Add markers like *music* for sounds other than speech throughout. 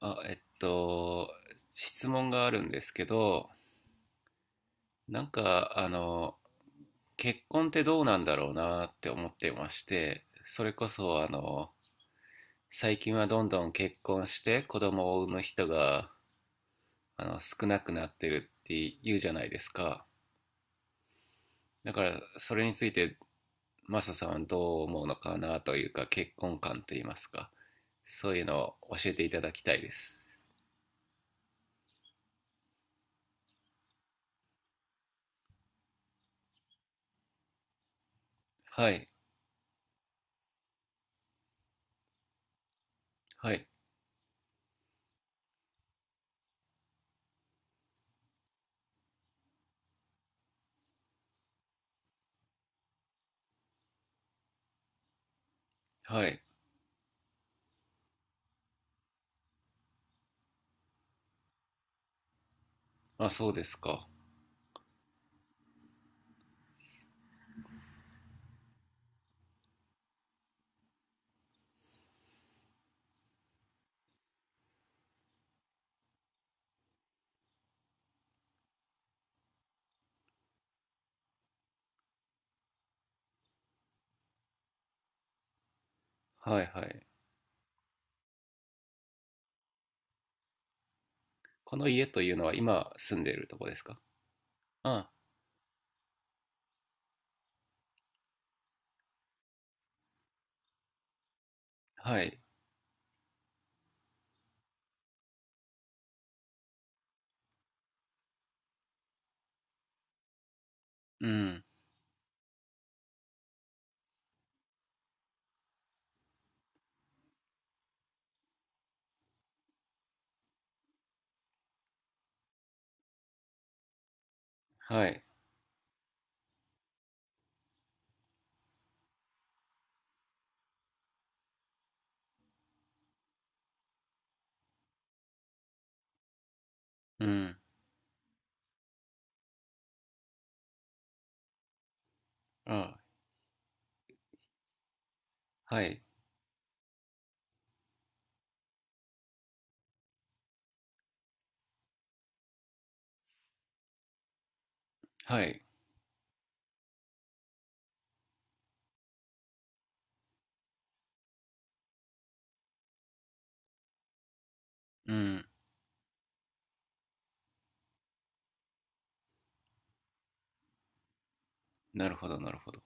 あ、質問があるんですけど、なんか、結婚ってどうなんだろうなって思ってまして、それこそ、最近はどんどん結婚して子供を産む人が、少なくなってるって言うじゃないですか。だから、それについて、マサさんはどう思うのかなというか、結婚観といいますか、そういうのを教えていただきたいです。はい、はい、はい。まあ、そうですか。はいはい。この家というのは今住んでいるとこですか？あ、はい。うん。はい。うん。あ、はい。はい。うん。なるほど、なるほど。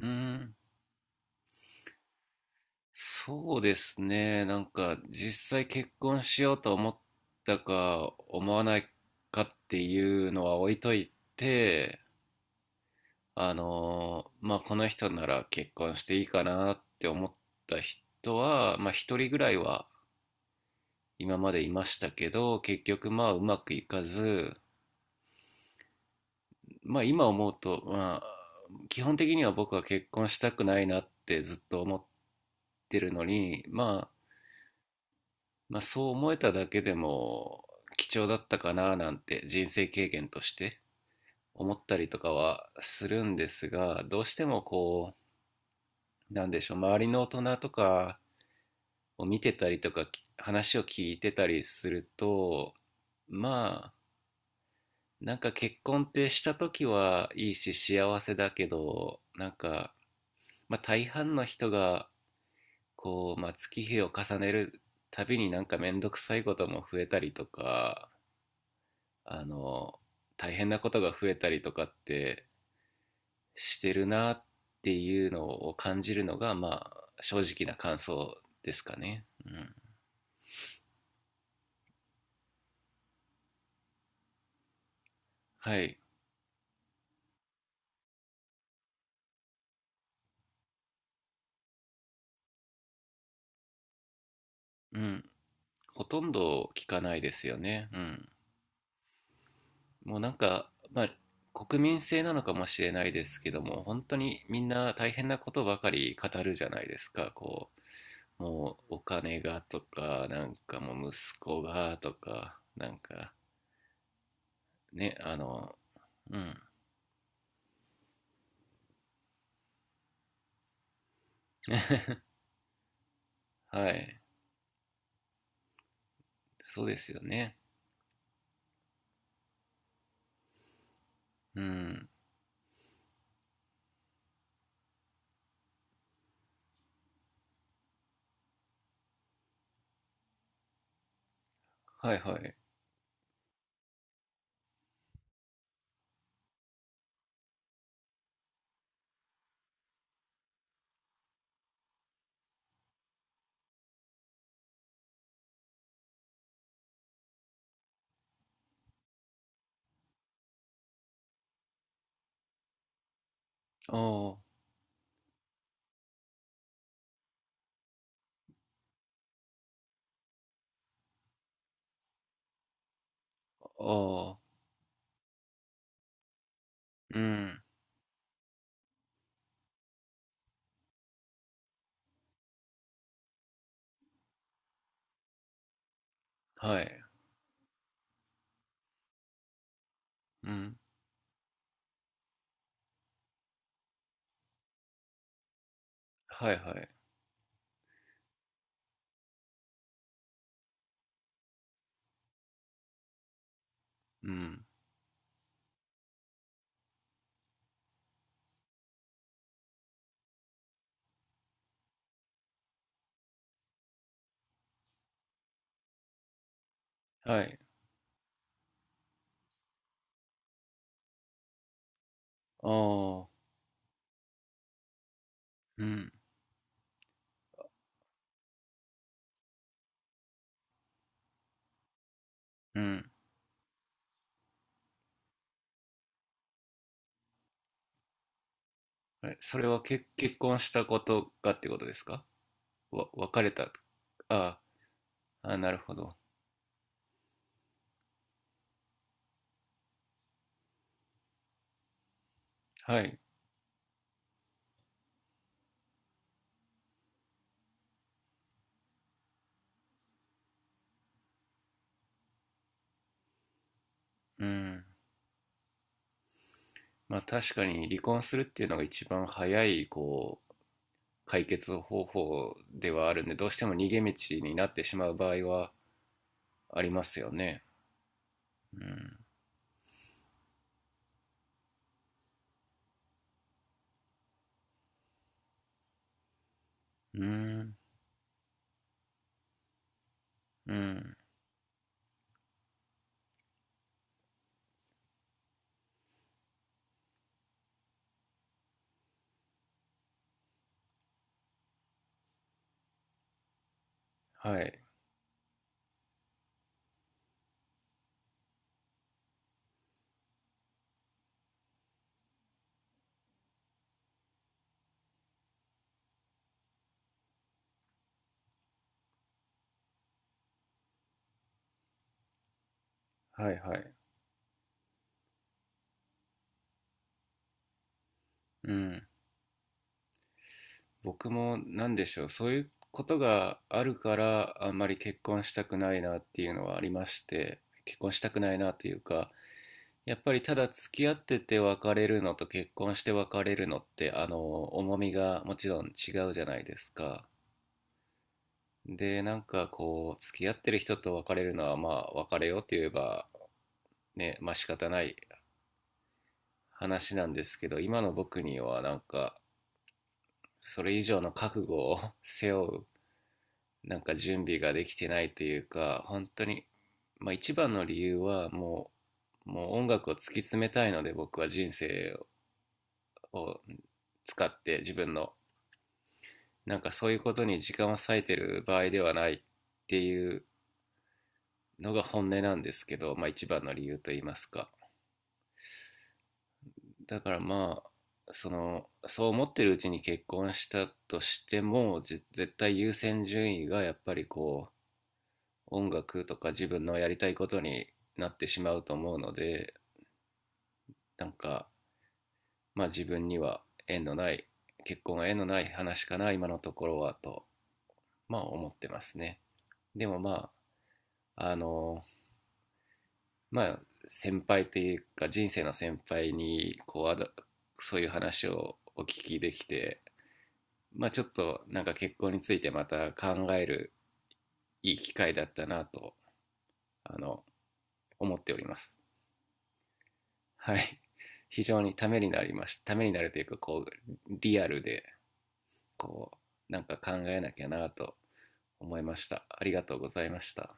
うん。そうですね。なんか、実際結婚しようと思ったか、思わないかっていうのは置いといて、まあ、この人なら結婚していいかなって思った人は、まあ、一人ぐらいは今までいましたけど、結局まあ、うまくいかず、まあ今思うと、まあ、基本的には僕は結婚したくないなってずっと思ってるのに、まあ、まあそう思えただけでも貴重だったかななんて人生経験として思ったりとかはするんですが、どうしてもこう、なんでしょう、周りの大人とかを見てたりとか、話を聞いてたりすると、まあ、なんか結婚ってした時はいいし幸せだけど、なんか、まあ、大半の人がこう、まあ、月日を重ねるたびになんか面倒くさいことも増えたりとか、あの、大変なことが増えたりとかってしてるなっていうのを感じるのが、まあ、正直な感想ですかね。うん。はい。うん。ほとんど聞かないですよね。うん。もうなんか、まあ、国民性なのかもしれないですけども、本当にみんな大変なことばかり語るじゃないですか。もうお金がとか、なんかもう息子がとか、なんかね、うん、はい、そうですよね。うん、はいはい。ああ、ああ、うん、はい、うん、はいはい、うん、はい、ああ、うん、うん。それは結婚したことがってことですか？別れた。あーあ、なるほど。はい、うん。まあ確かに離婚するっていうのが一番早い、こう、解決方法ではあるんでどうしても逃げ道になってしまう場合はありますよね。うん、うん、うん、はい、はい、はい、うん。僕もなんでしょう、そういうことがあるからあんまり結婚したくないなっていうのはありまして、結婚したくないなというか、やっぱりただ付き合ってて別れるのと結婚して別れるのってあの重みがもちろん違うじゃないですか。で、なんかこう、付き合ってる人と別れるのは、まあ、別れようって言えば、ね、まあ仕方ない話なんですけど、今の僕にはなんか、それ以上の覚悟を *laughs* 背負う、なんか準備ができてないというか、本当に、まあ一番の理由はもう、もう音楽を突き詰めたいので、僕は人生を使って自分の、なんかそういうことに時間を割いてる場合ではないっていうのが本音なんですけど、まあ一番の理由と言いますか。だからまあそう思ってるうちに結婚したとしても絶対優先順位がやっぱりこう音楽とか自分のやりたいことになってしまうと思うので、なんかまあ自分には縁のない、結婚は縁のない話かな今のところはとまあ思ってますね。でもまあまあ先輩というか人生の先輩にこうそういう話をお聞きできて、まあちょっとなんか結婚についてまた考えるいい機会だったなとあの思っております。はい。非常にためになりました。ためになるというかこうリアルでこうなんか考えなきゃなと思いました。ありがとうございました。